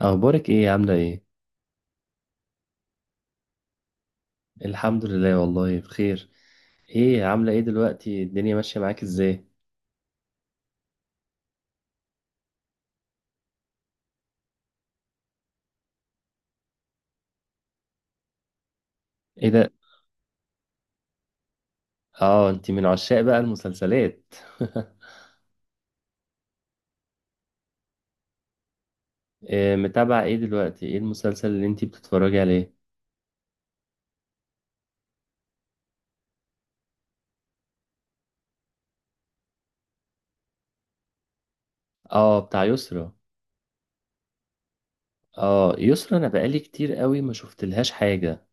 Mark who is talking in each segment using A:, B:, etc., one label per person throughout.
A: اخبارك ايه؟ عامله ايه؟ الحمد لله، والله بخير. ايه، عامله ايه دلوقتي؟ الدنيا ماشيه معاك ازاي؟ ايه ده؟ اه، انت من عشاق بقى المسلسلات؟ إيه، متابعه ايه دلوقتي؟ ايه المسلسل اللي انت بتتفرجي عليه؟ اه، بتاع يسرا. اه، يسرا، انا بقالي كتير قوي ما شفتلهاش حاجه.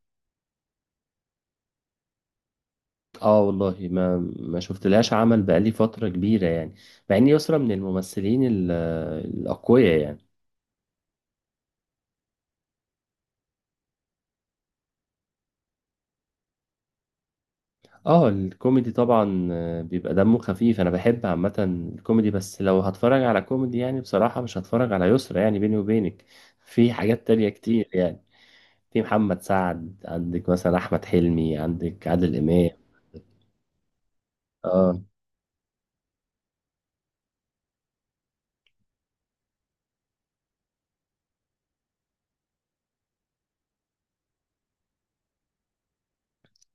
A: اه والله، ما شفتلهاش عمل بقالي فتره كبيره يعني. مع ان يسرا من الممثلين الاقوياء يعني. اه، الكوميدي طبعا، بيبقى دمه خفيف. انا بحب عامه الكوميدي، بس لو هتفرج على كوميدي يعني بصراحه مش هتفرج على يسرا يعني، بيني وبينك، في حاجات تانية كتير يعني. في محمد سعد عندك مثلا، احمد حلمي عندك، عادل امام. اه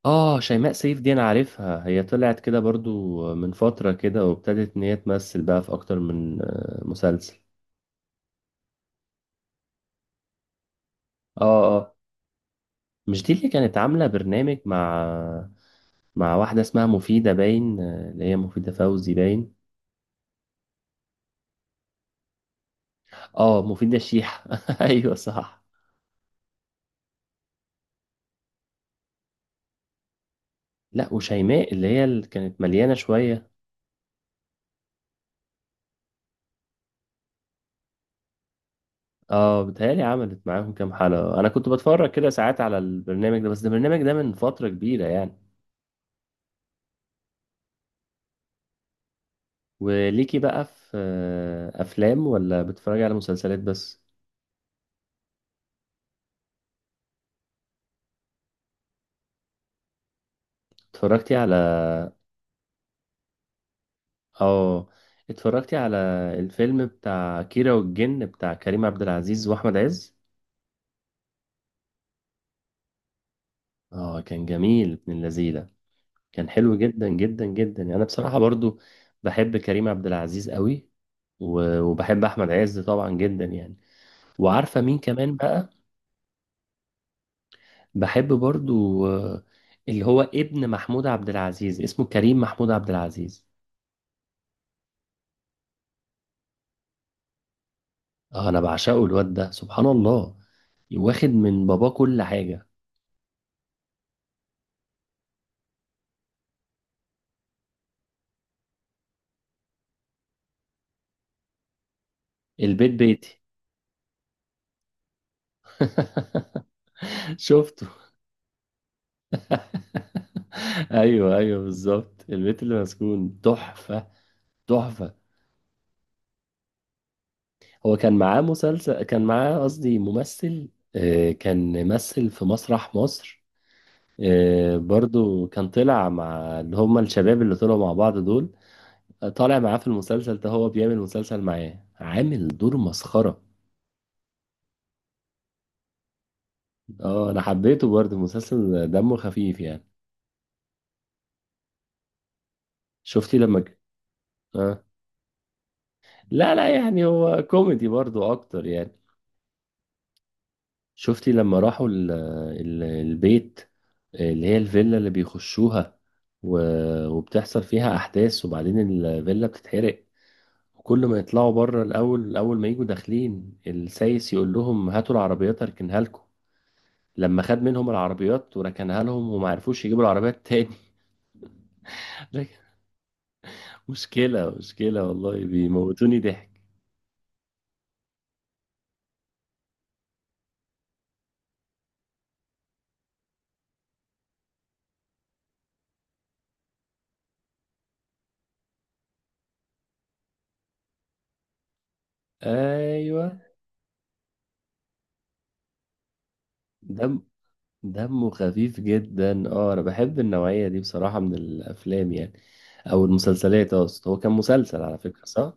A: اه، شيماء سيف دي انا عارفها، هي طلعت كده برضو من فتره كده وابتدت ان هي تمثل بقى في اكتر من مسلسل. اه اه، مش دي اللي كانت عامله برنامج مع واحده اسمها مفيده باين، اللي هي مفيده فوزي باين؟ اه، مفيدة الشيحة. ايوه، صح. لا، وشيماء اللي كانت مليانة شوية. اه، بتهيألي عملت معاهم كام حلقة. انا كنت بتفرج كده ساعات على البرنامج ده، بس ده البرنامج ده من فترة كبيرة يعني. وليكي بقى في افلام ولا بتتفرجي على مسلسلات بس؟ اتفرجتي على اه، اتفرجتي على الفيلم بتاع كيرة والجن، بتاع كريم عبد العزيز واحمد عز؟ اه، كان جميل ابن اللذيذة. كان حلو جدا جدا جدا يعني، انا بصراحه برضو بحب كريم عبد العزيز قوي، وبحب احمد عز طبعا جدا يعني. وعارفه مين كمان بقى؟ بحب برضو اللي هو ابن محمود عبد العزيز، اسمه كريم محمود عبد العزيز. آه، انا بعشقه الواد ده سبحان الله، واخد من باباه كل حاجه. البيت بيتي. شفته؟ ايوه ايوه، بالظبط، البيت اللي مسكون، تحفه، تحفه. هو كان معاه مسلسل، كان معاه قصدي ممثل، كان مثل في مسرح مصر، برضو كان طلع مع اللي هم الشباب اللي طلعوا مع بعض دول، طالع معاه في المسلسل ده، هو بيعمل مسلسل معاه، عامل دور مسخرة. اه، انا حبيته برضو المسلسل، دمه خفيف يعني. شفتي لما ك- آه. لا لا، يعني هو كوميدي برضو اكتر يعني. شفتي لما راحوا البيت اللي هي الفيلا اللي بيخشوها، و... وبتحصل فيها أحداث، وبعدين الفيلا بتتحرق. وكل ما يطلعوا بره الأول، أول ما يجوا داخلين السايس يقول لهم هاتوا العربيات أركنها لكم، لما خد منهم العربيات وركنها لهم وما عرفوش يجيبوا العربيات تاني. مشكلة مشكلة والله، بيموتوني ضحك. أيوة. دم دمه خفيف جدا. اه، أنا بحب النوعية دي بصراحة من الأفلام يعني، أو المسلسلات. أصلا هو كان مسلسل على فكرة، صح؟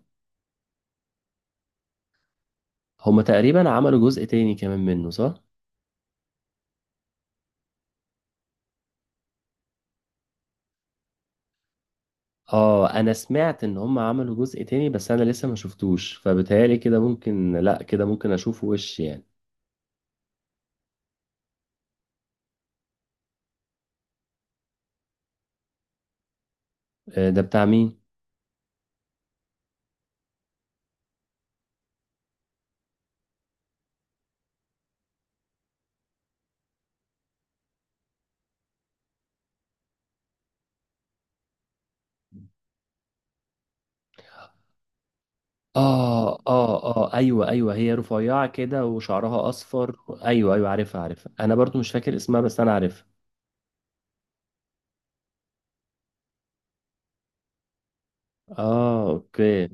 A: هما تقريبا عملوا جزء تاني كمان منه، صح؟ اه، انا سمعت ان هما عملوا جزء تاني بس انا لسه ما شفتوش، فبتهيألي كده ممكن، لا، كده ممكن اشوفه وش يعني. ده بتاع مين؟ اه اه اه ايوه ايوه، هي رفيعة كده وشعرها اصفر. ايوه ايوه، عارفها عارفها، انا برضو مش فاكر اسمها بس انا عارفها. اه، اوكي.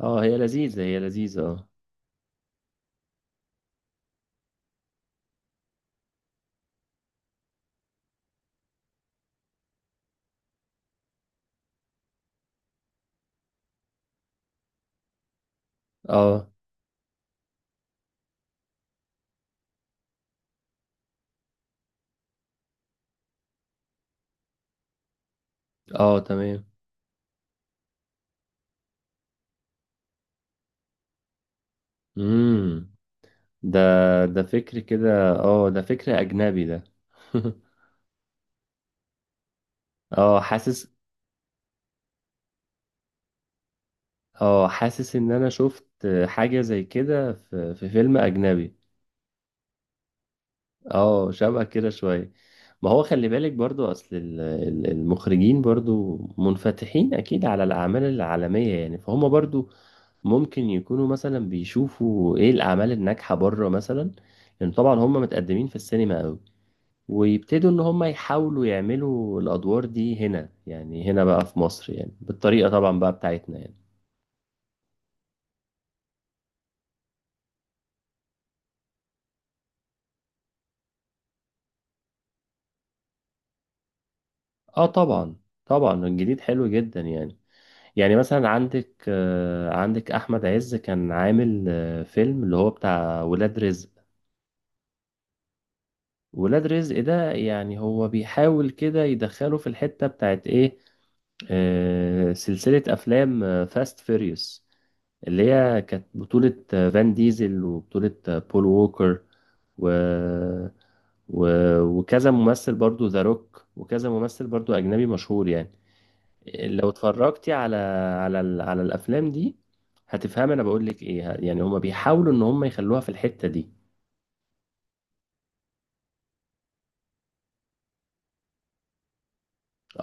A: اه، هي لذيذة هي لذيذة، اه. اه اه، تمام. امم ده ده فكر كده، اه، ده فكر اجنبي ده. اه، حاسس. اه، حاسس ان انا شفت حاجة زي كده في فيلم اجنبي. اه، شبه كده شوية. ما هو خلي بالك برضو، اصل المخرجين برضو منفتحين اكيد على الاعمال العالمية يعني، فهم برضو ممكن يكونوا مثلا بيشوفوا ايه الاعمال الناجحة بره مثلا، لان طبعا هم متقدمين في السينما قوي، ويبتدوا ان هم يحاولوا يعملوا الادوار دي هنا يعني، هنا بقى في مصر يعني، بالطريقة طبعا بقى بتاعتنا يعني. اه طبعا، طبعا الجديد حلو جدا يعني. يعني مثلا عندك احمد عز كان عامل فيلم اللي هو بتاع ولاد رزق. ولاد رزق ده يعني هو بيحاول كده يدخله في الحتة بتاعت ايه، سلسلة افلام فاست فيريوس، اللي هي كانت بطولة فان ديزل وبطولة بول ووكر، و... و... وكذا ممثل برضو، ذا روك، وكذا ممثل برضو اجنبي مشهور يعني. لو اتفرجتي على على على الافلام دي، هتفهمي انا بقول لك ايه يعني. هما بيحاولوا ان هما يخلوها في الحتة دي.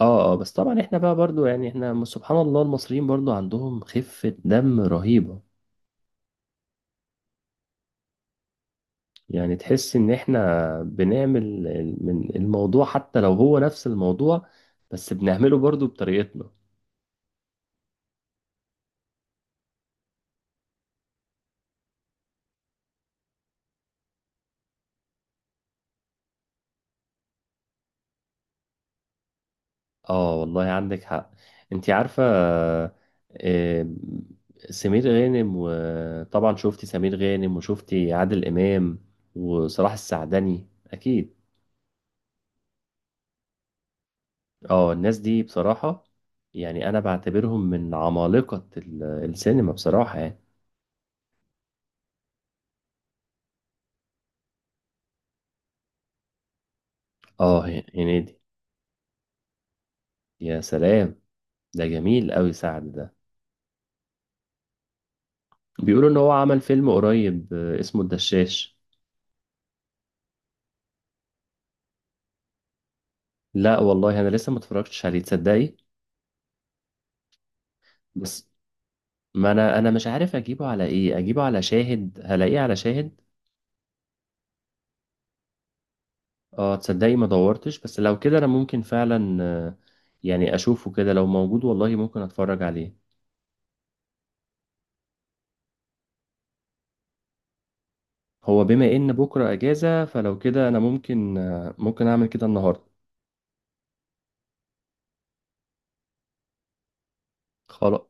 A: اه اه، بس طبعا احنا بقى برضو يعني، احنا سبحان الله المصريين برضو عندهم خفة دم رهيبة. يعني تحس ان احنا بنعمل من الموضوع، حتى لو هو نفس الموضوع بس بنعمله برضو بطريقتنا. اه والله عندك حق. انت عارفة، آه، سمير غانم، وطبعا شفتي سمير غانم وشفتي عادل إمام وصلاح السعدني أكيد. اه، الناس دي بصراحة يعني، أنا بعتبرهم من عمالقة السينما بصراحة يعني. اه، هنيدي، يا سلام، ده جميل أوي. سعد ده بيقولوا إن هو عمل فيلم قريب، اسمه الدشاش. لا والله، أنا لسه ما اتفرجتش عليه، تصدقي. بس ما انا مش عارف اجيبه على ايه، اجيبه على شاهد هلاقيه على شاهد؟ اه، تصدقي ما دورتش، بس لو كده انا ممكن فعلا، يعني اشوفه كده لو موجود والله، ممكن اتفرج عليه. هو بما ان بكره اجازة، فلو كده انا ممكن اعمل كده النهارده. خلاص.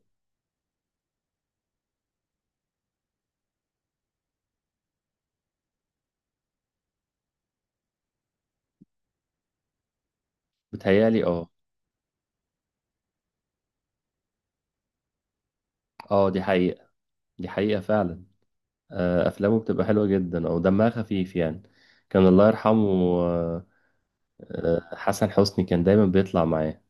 A: بتهيالي، اه. اه، دي حقيقة، دي حقيقة فعلا. افلامه بتبقى حلوة جدا او دمها خفيف يعني. كان الله يرحمه. آه، حسن حسني كان دايما بيطلع معاه.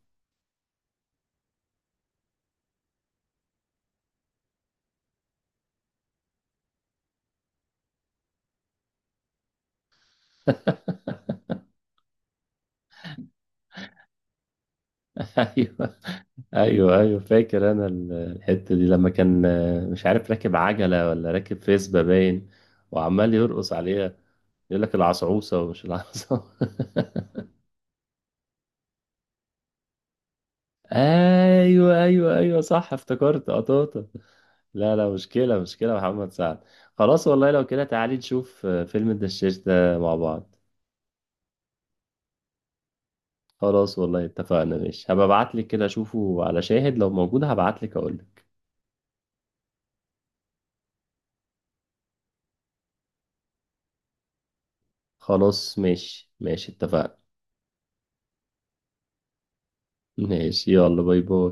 A: ايوه ايوه ايوه، فاكر انا الحته دي لما كان، مش عارف، راكب عجله ولا راكب فيسبا باين، وعمال يرقص عليها، يقول لك العصعوصه ومش العصعوصه. ايوه ايوه ايوه، صح، افتكرت قطاطه. لا لا، مشكله مشكله يا محمد سعد. خلاص والله، لو كده تعالي نشوف، فيلم الدشاش ده مع بعض. خلاص والله، اتفقنا، ماشي، هبقى ابعت لك كده، اشوفه على شاهد لو موجود هبعت لك اقول لك. خلاص ماشي ماشي، اتفقنا. ماشي، يلا، باي باي.